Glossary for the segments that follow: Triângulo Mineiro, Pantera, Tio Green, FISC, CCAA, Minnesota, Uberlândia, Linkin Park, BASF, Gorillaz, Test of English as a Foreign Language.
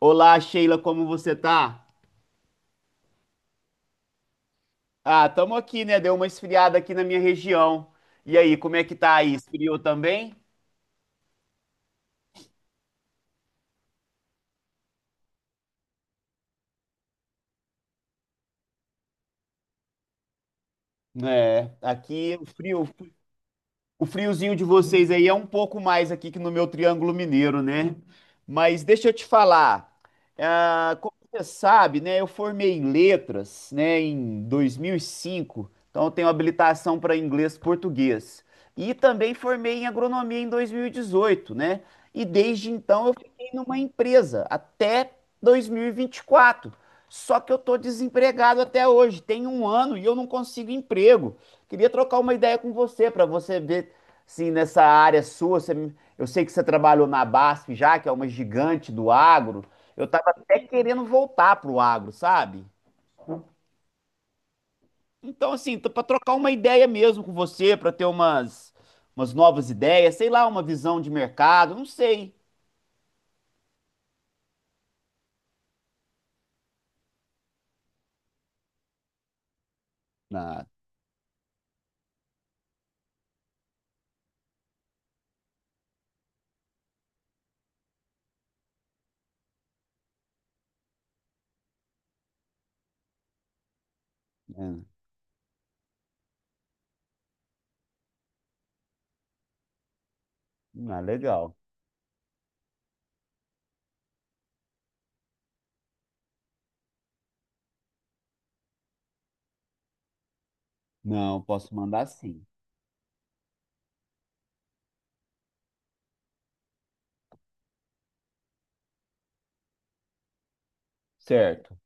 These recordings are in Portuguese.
Olá, Sheila, como você tá? Ah, tamo aqui, né? Deu uma esfriada aqui na minha região. E aí, como é que tá aí? Esfriou também? É, aqui o frio. O friozinho de vocês aí é um pouco mais aqui que no meu Triângulo Mineiro, né? Mas deixa eu te falar. Como você sabe, né? Eu formei em letras, né, em dois mil e cinco. Então eu tenho habilitação para inglês e português. E também formei em agronomia em 2018, né? E desde então eu fiquei numa empresa até dois mil e vinte e quatro. Só que eu tô desempregado até hoje. Tem um ano e eu não consigo emprego. Queria trocar uma ideia com você para você ver. Sim, nessa área sua, eu sei que você trabalhou na BASF já, que é uma gigante do agro. Eu estava até querendo voltar pro agro, sabe? Então, assim, para trocar uma ideia mesmo com você, para ter umas novas ideias, sei lá, uma visão de mercado, não sei. Ah, é. Ah, legal. Não, posso mandar sim. Certo.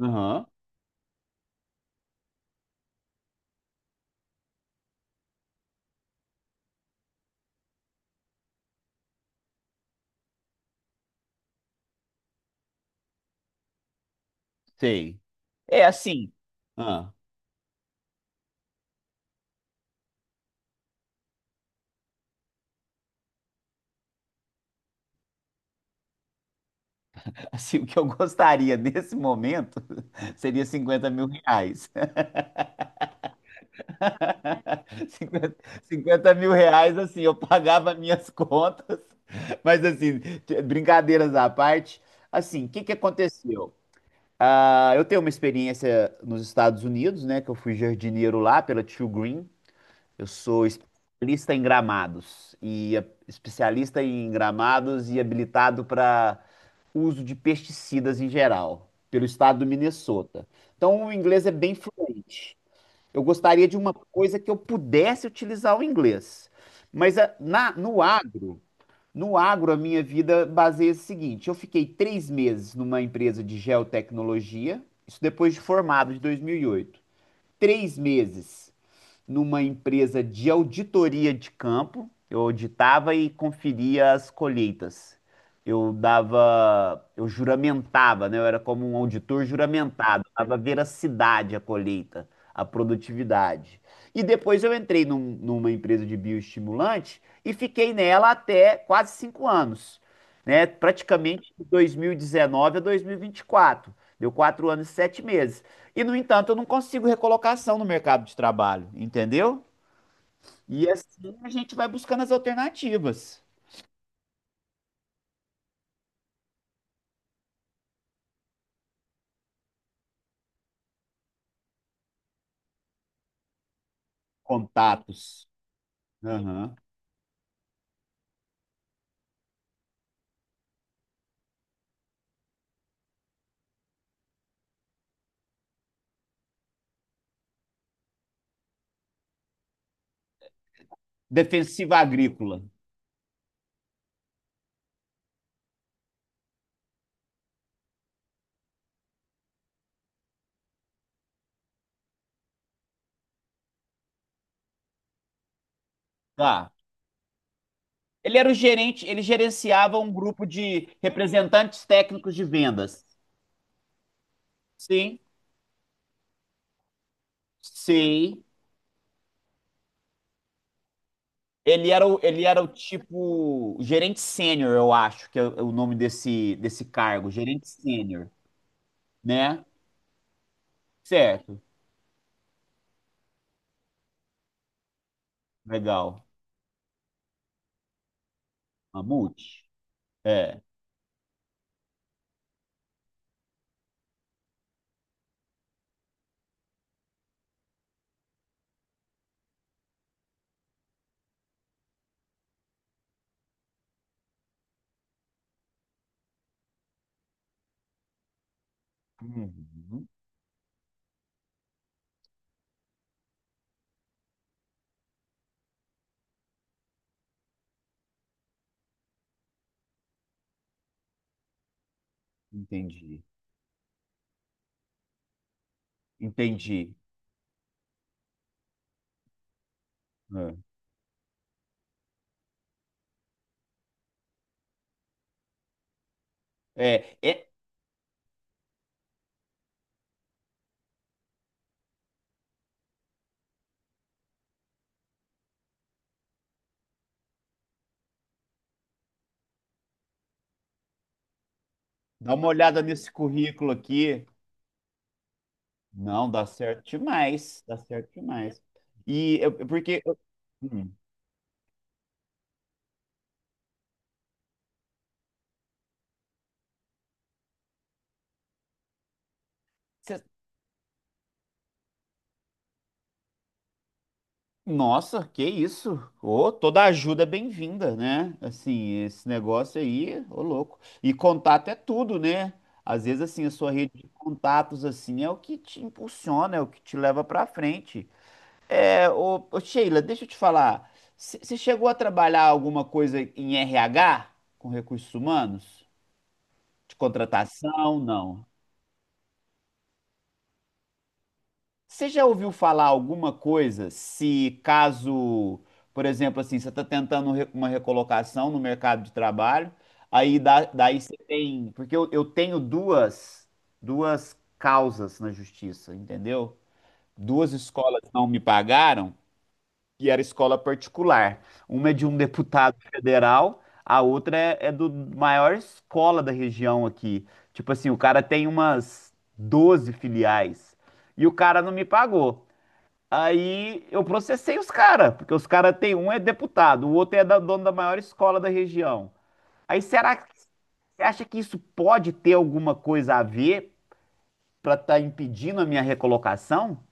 Aham, sei. É assim. Ah, assim, o que eu gostaria nesse momento seria R$ 50.000. 50 50 mil reais, assim, eu pagava minhas contas, mas assim, brincadeiras à parte, assim, o que que aconteceu? Ah, eu tenho uma experiência nos Estados Unidos, né, que eu fui jardineiro lá pela Tio Green, eu sou especialista em gramados, especialista em gramados e habilitado para uso de pesticidas em geral, pelo estado do Minnesota. Então, o inglês é bem fluente. Eu gostaria de uma coisa que eu pudesse utilizar o inglês. Mas no agro, a minha vida baseia-se no seguinte: eu fiquei 3 meses numa empresa de geotecnologia, isso depois de formado, de 2008. 3 meses numa empresa de auditoria de campo. Eu auditava e conferia as colheitas. Eu juramentava, né? Eu era como um auditor juramentado, dava veracidade à colheita, à produtividade. E depois eu entrei numa empresa de bioestimulante e fiquei nela até quase 5 anos, né? Praticamente de 2019 a 2024. Deu 4 anos e 7 meses. E, no entanto, eu não consigo recolocação no mercado de trabalho, entendeu? E assim a gente vai buscando as alternativas. Contatos. Aham. Defensiva agrícola. Tá. Ele era o gerente, ele gerenciava um grupo de representantes técnicos de vendas. Sim, sei. Ele era o tipo gerente sênior, eu acho, que é o nome desse, desse cargo, gerente sênior, né? Certo. Legal. Mamute. É. Uhum. Entendi, entendi. É, é, é, dá uma olhada nesse currículo aqui. Não, dá certo demais, dá certo demais. E eu- porque, eu- hum, cê- Nossa, que isso? Ô, toda ajuda é bem-vinda, né? Assim, esse negócio aí, ô louco. E contato é tudo, né? Às vezes, assim, a sua rede de contatos, assim, é o que te impulsiona, é o que te leva pra frente. É, ô, Sheila, deixa eu te falar. Você chegou a trabalhar alguma coisa em RH, com recursos humanos? De contratação? Não. Você já ouviu falar alguma coisa se caso, por exemplo, assim, você está tentando uma recolocação no mercado de trabalho, daí você tem. Porque eu tenho duas, duas causas na justiça, entendeu? Duas escolas não me pagaram, que era escola particular. Uma é de um deputado federal, a outra é do maior escola da região aqui. Tipo assim, o cara tem umas 12 filiais e o cara não me pagou. Aí eu processei os caras, porque os caras tem um é deputado, o outro é da dono da maior escola da região. Aí será que você acha que isso pode ter alguma coisa a ver para estar impedindo a minha recolocação?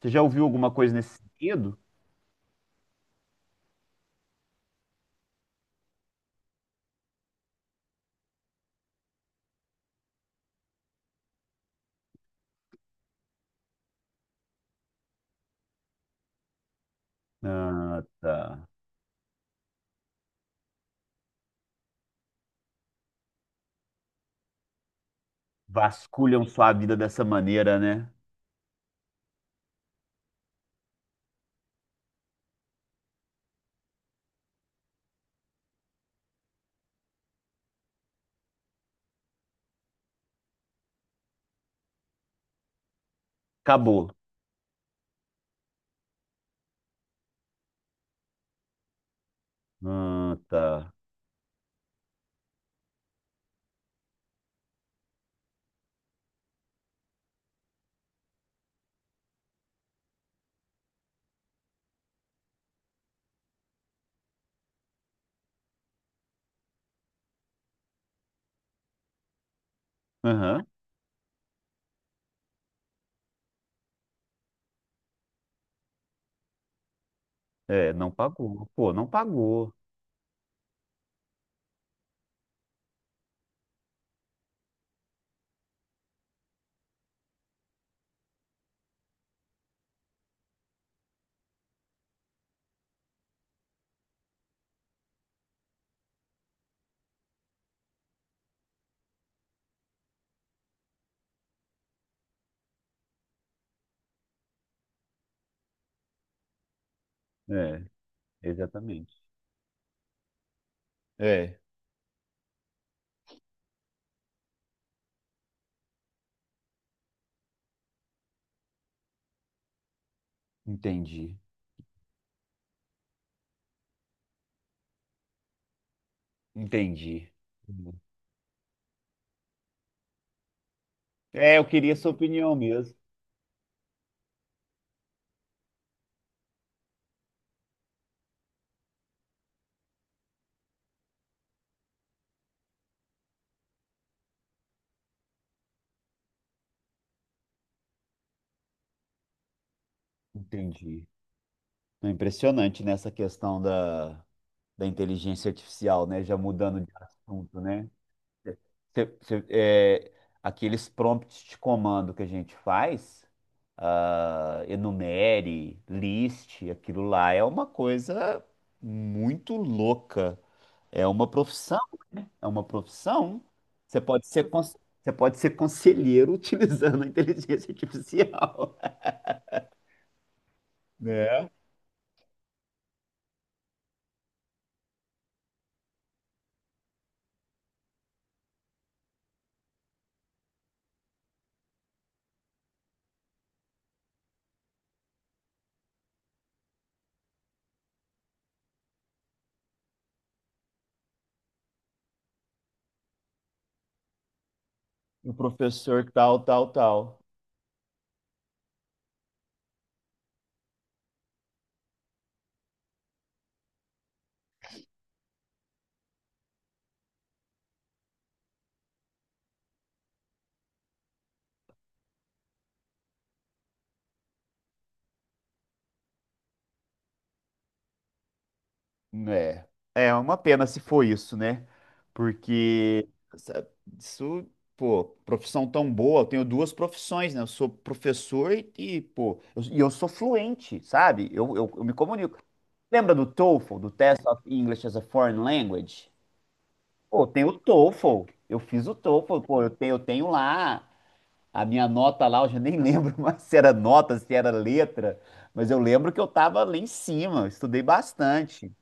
Você já ouviu alguma coisa nesse sentido? Ah, tá. Vasculham sua vida dessa maneira, né? Acabou. Ah, tá. Aham. É, não pagou. Pô, não pagou. É, exatamente. É, entendi. Entendi. É, eu queria sua opinião mesmo. Entendi. É impressionante nessa questão da inteligência artificial, né? Já mudando de assunto, né? Cê- cê- é, Aqueles prompts de comando que a gente faz, enumere, list, aquilo lá é uma coisa muito louca. É uma profissão, né? É uma profissão. Você pode ser, cons- você pode ser conselheiro utilizando a inteligência artificial, né? O professor tal, tal, tal. É, é uma pena se for isso, né? Porque sa- isso, pô, profissão tão boa. Eu tenho duas profissões, né? Eu sou professor e, pô, e eu sou fluente, sabe? Eu me comunico. Lembra do TOEFL, do Test of English as a Foreign Language? Pô, tem o TOEFL. Eu fiz o TOEFL, pô, eu tenho lá a minha nota lá, eu já nem lembro mais se era nota, se era letra, mas eu lembro que eu tava lá em cima, eu estudei bastante.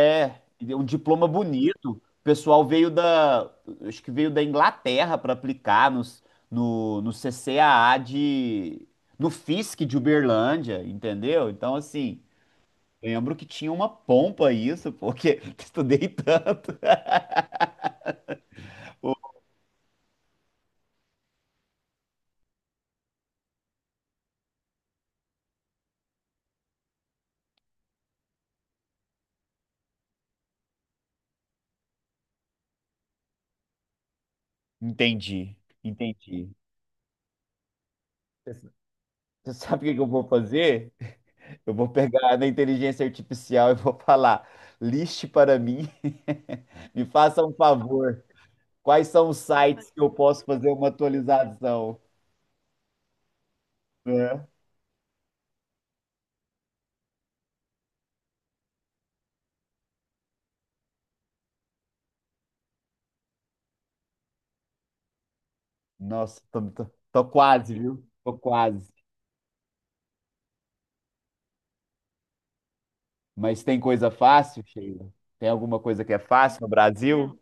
É. E um diploma bonito. O pessoal acho que veio da Inglaterra para aplicar nos, no, no CCAA no FISC de Uberlândia, entendeu? Então, assim, lembro que tinha uma pompa isso, porque estudei tanto. Entendi, entendi. Você você sabe o que que eu vou fazer? Eu vou pegar na inteligência artificial e vou falar, liste para mim, me faça um favor. Quais são os sites que eu posso fazer uma atualização, né? Nossa, tô quase, viu? Tô quase. Mas tem coisa fácil, Sheila? Tem alguma coisa que é fácil no Brasil?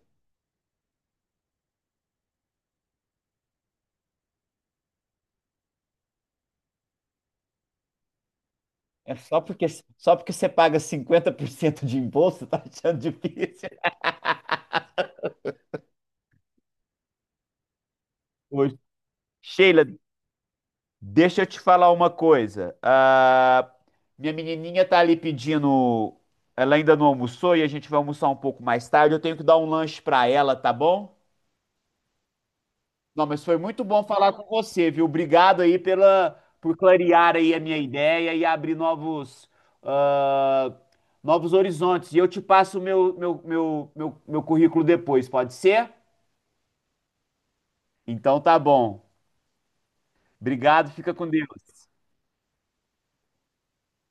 É só porque você paga 50% de imposto, tá achando difícil? Hoje. Sheila, deixa eu te falar uma coisa. Ah, minha menininha tá ali pedindo. Ela ainda não almoçou e a gente vai almoçar um pouco mais tarde. Eu tenho que dar um lanche pra ela, tá bom? Não, mas foi muito bom falar com você, viu? Obrigado aí por clarear aí a minha ideia e abrir ah, novos horizontes. E eu te passo o meu currículo depois, pode ser? Então tá bom. Obrigado, fica com Deus.